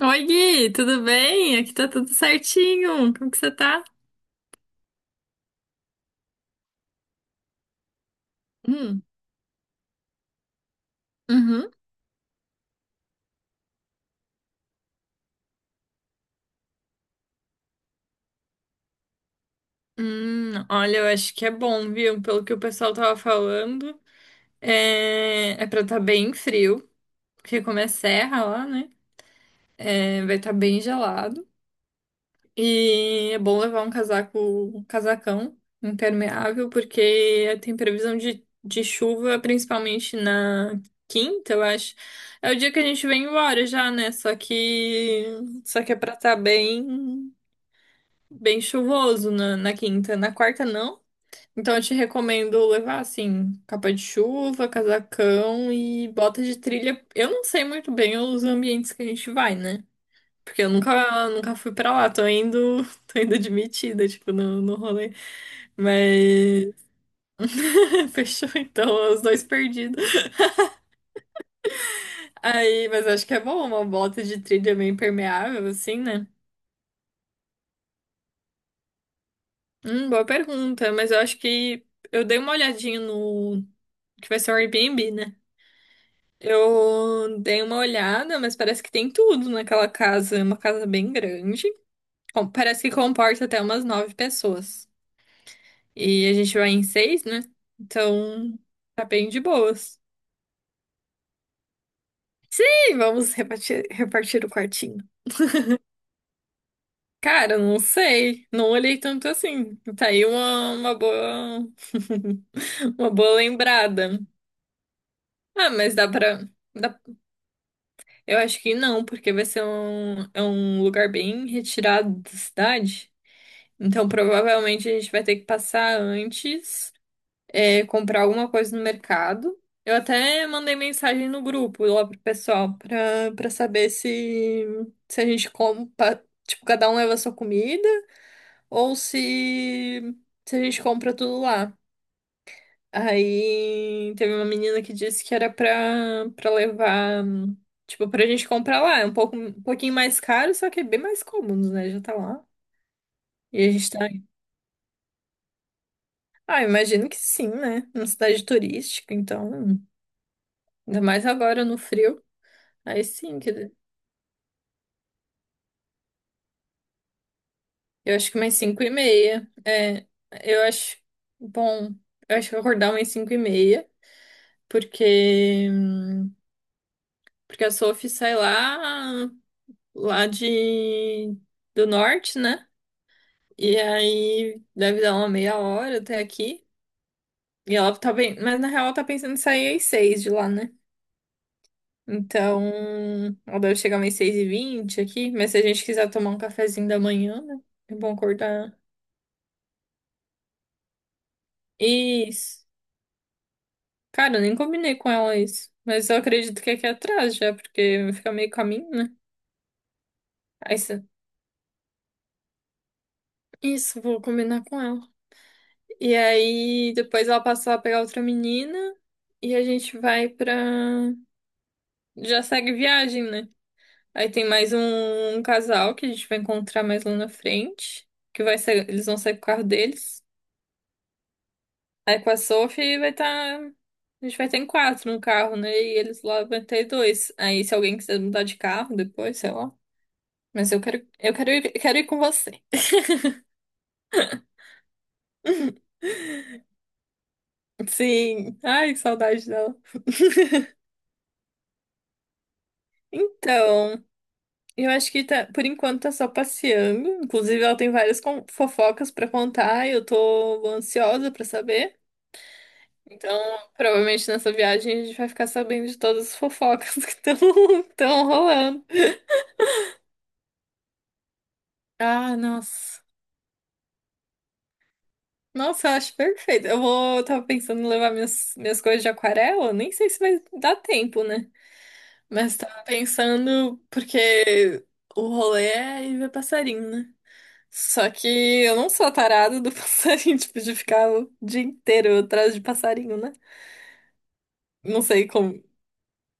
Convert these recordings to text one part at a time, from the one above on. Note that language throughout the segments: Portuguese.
Oi, Gui, tudo bem? Aqui tá tudo certinho. Como que você tá? Hum, uhum. Olha, eu acho que é bom, viu? Pelo que o pessoal tava falando, é pra tá bem frio, porque como é serra lá, né? É, vai estar tá bem gelado. E é bom levar um casaco, um casacão impermeável, porque tem previsão de chuva, principalmente na quinta, eu acho. É o dia que a gente vem embora já, né? Só que é pra estar bem, bem chuvoso na quinta. Na quarta, não. Então eu te recomendo levar, assim, capa de chuva, casacão e bota de trilha. Eu não sei muito bem os ambientes que a gente vai, né? Porque eu nunca, nunca fui pra lá, tô indo, tô indo admitida, tipo, no rolê. Mas fechou então, os dois perdidos. Aí, mas acho que é bom uma bota de trilha meio impermeável, assim, né? Boa pergunta, mas eu acho que eu dei uma olhadinha no que vai ser o Airbnb, né? Eu dei uma olhada, mas parece que tem tudo naquela casa, é uma casa bem grande. Parece que comporta até umas nove pessoas. E a gente vai em seis, né? Então, tá bem de boas. E vamos repartir, repartir o quartinho. Cara, não sei. Não olhei tanto assim. Tá aí uma boa. Uma boa lembrada. Ah, mas dá pra. dá- Eu acho que não, porque vai ser um, é um lugar bem retirado da cidade. Então, provavelmente a gente vai ter que passar antes. É, comprar alguma coisa no mercado. Eu até mandei mensagem no grupo lá pro pessoal pra, pra saber se, se a gente compra, tipo, cada um leva a sua comida ou se a gente compra tudo lá. Aí teve uma menina que disse que era pra levar, tipo, pra gente comprar lá. É um pouco, um pouquinho mais caro, só que é bem mais cômodo, né? Já tá lá. E a gente tá. Ah, imagino que sim, né? Uma cidade turística, então. Ainda mais agora no frio. Aí sim, que eu acho que umas 5h30. É, eu acho bom, eu acho que eu vou acordar umas 5 e meia, porque, porque a Sophie sai lá de, do norte, né? E aí deve dar uma meia hora até aqui. E ela tá bem, mas na real ela tá pensando em sair às 6h de lá, né? Então, ela deve chegar umas 6h20 aqui, mas se a gente quiser tomar um cafezinho da manhã, né? É bom acordar. Isso. Cara, eu nem combinei com ela isso. Mas eu acredito que é aqui atrás já, porque fica meio caminho, né? Aí você... Isso, vou combinar com ela. E aí depois ela passa a pegar outra menina e a gente vai pra. Já segue viagem, né? Aí tem mais um casal que a gente vai encontrar mais lá na frente. Que vai ser... Eles vão sair com o carro deles. Aí com a Sophie vai estar. A gente vai ter em quatro no carro, né? E eles lá vão ter dois. Aí se alguém quiser mudar de carro depois, sei lá. Mas eu quero ir, quero ir com você. Sim. Ai, que saudade dela. Então, eu acho que tá, por enquanto tá só passeando. Inclusive, ela tem várias fofocas pra contar e eu tô ansiosa pra saber. Então, provavelmente nessa viagem a gente vai ficar sabendo de todas as fofocas que estão rolando. Ah, nossa. Nossa, eu acho perfeito. Eu tava pensando em levar minhas coisas de aquarela. Nem sei se vai dar tempo, né? Mas tava pensando, porque o rolê é ir ver passarinho, né? Só que eu não sou a tarada do passarinho, tipo, de ficar o dia inteiro atrás de passarinho, né? Não sei como.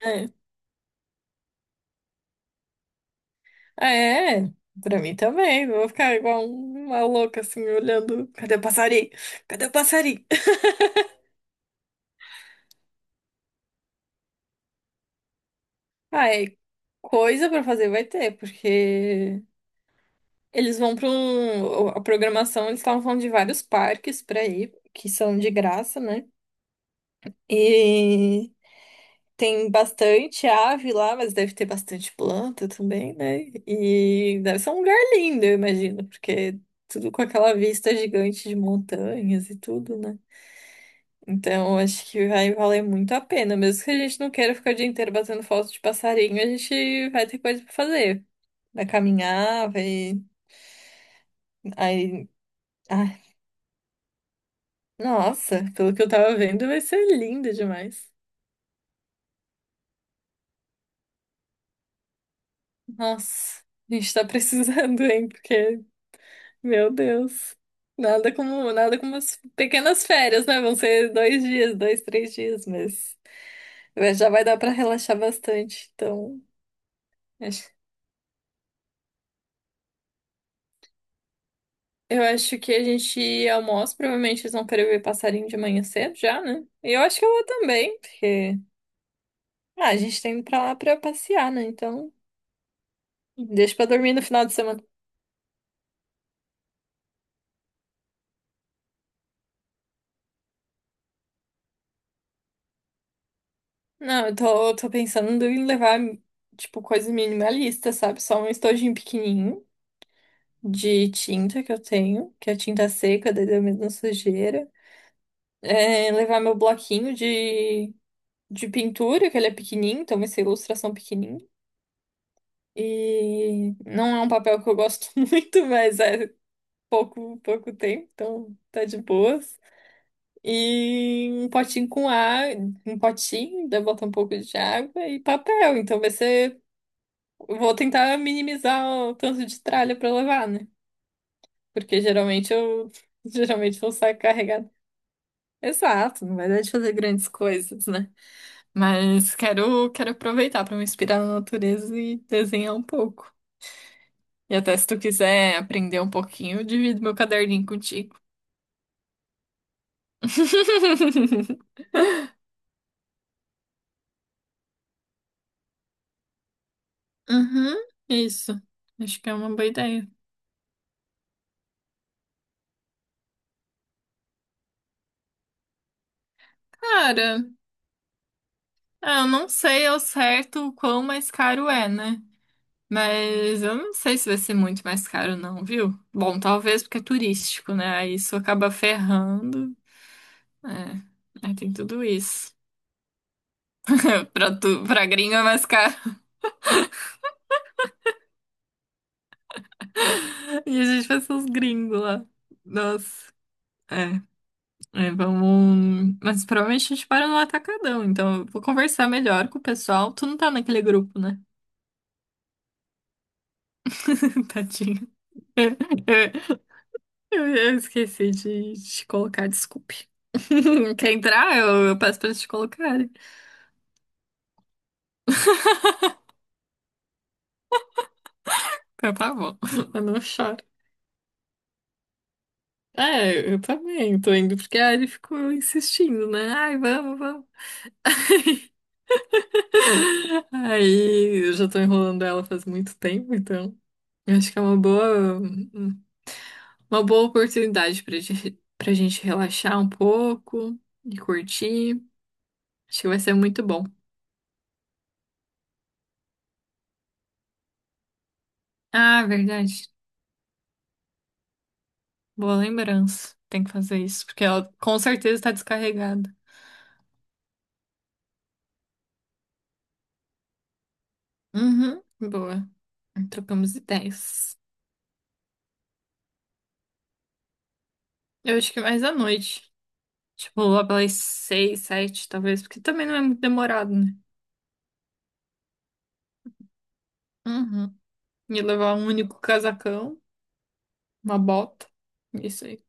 É, ah, é, pra mim também. Vou ficar igual uma louca, assim, olhando. Cadê o passarinho? Cadê o passarinho? Ah, é, coisa pra fazer vai ter, porque eles vão pra um. A programação, eles estavam falando de vários parques pra ir, que são de graça, né? E tem bastante ave lá, mas deve ter bastante planta também, né? E deve ser um lugar lindo, eu imagino, porque tudo com aquela vista gigante de montanhas e tudo, né? Então, acho que vai valer muito a pena. Mesmo que a gente não queira ficar o dia inteiro batendo foto de passarinho, a gente vai ter coisa pra fazer. Vai caminhar, vai. Aí. Ai, nossa, pelo que eu tava vendo, vai ser lindo demais. Nossa, a gente tá precisando, hein? Porque Meu Deus. Nada como, nada como as pequenas férias, né? Vão ser 2 dias, dois, 3 dias, mas já vai dar pra relaxar bastante. Então, acho- eu acho que a gente almoça. Provavelmente eles vão querer ver passarinho de manhã cedo já, né? E eu acho que eu vou também, porque ah, a gente tá indo pra lá pra passear, né? Então, deixa pra dormir no final de semana. Não, eu tô pensando em levar, tipo, coisa minimalista, sabe? Só um estojinho pequenininho de tinta que eu tenho, que é tinta seca, daí da mesma sujeira. É, levar meu bloquinho de pintura, que ele é pequenininho, então vai ser ilustração pequenininha. E não é um papel que eu gosto muito, mas é pouco, pouco tempo, então tá de boas. E um potinho com água, um potinho, daí botar um pouco de água e papel. Então vai ser. Eu vou tentar minimizar o tanto de tralha pra levar, né? Porque geralmente eu geralmente vou sair. Exato, não vai dar de fazer grandes coisas, né? Mas quero aproveitar para me inspirar na natureza e desenhar um pouco. E até se tu quiser aprender um pouquinho, eu divido meu caderninho contigo. Uhum, isso. Acho que é uma boa ideia. Cara, ah, eu não sei ao certo o quão mais caro é, né? Mas eu não sei se vai ser muito mais caro, não, viu? Bom, talvez porque é turístico, né? Aí isso acaba ferrando. É, aí tem tudo isso. Pra, tu, pra gringo é mais caro. E a gente vai ser os gringos lá. Nossa. É, é, vamos. Mas provavelmente a gente para no atacadão, então eu vou conversar melhor com o pessoal. Tu não tá naquele grupo, né? Tadinho. Eu esqueci de te colocar, desculpe. Quer entrar? Eu peço pra eles te colocarem. Então tá bom, eu não choro. É, eu também tô indo, porque a Ari ficou insistindo, né? Ai, vamos, vamos. Aí eu já tô enrolando ela faz muito tempo, então eu acho que é uma boa oportunidade pra, pra gente relaxar um pouco e curtir. Acho que vai ser muito bom. Ah, verdade. Boa lembrança. Tem que fazer isso, porque ela com certeza tá descarregada. Uhum, boa. Trocamos ideias. Eu acho que mais à noite. Tipo, lá pelas 6h, 7h, talvez, porque também não é muito demorado, né? Uhum. Ia levar um único casacão, uma bota. Isso aí.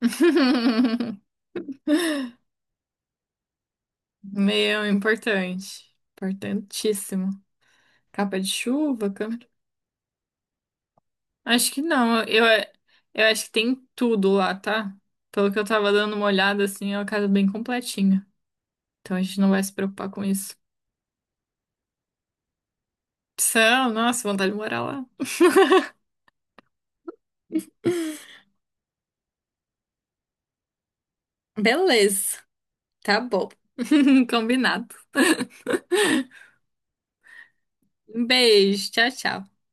Meu, importante. Importantíssimo. Capa de chuva, câmera. Acho que não. Eu acho que tem tudo lá, tá? Pelo que eu tava dando uma olhada, assim, é uma casa bem completinha. Então a gente não vai se preocupar com isso. São, nossa, vontade de morar lá. Beleza, tá bom. Combinado. Um beijo, tchau, tchau.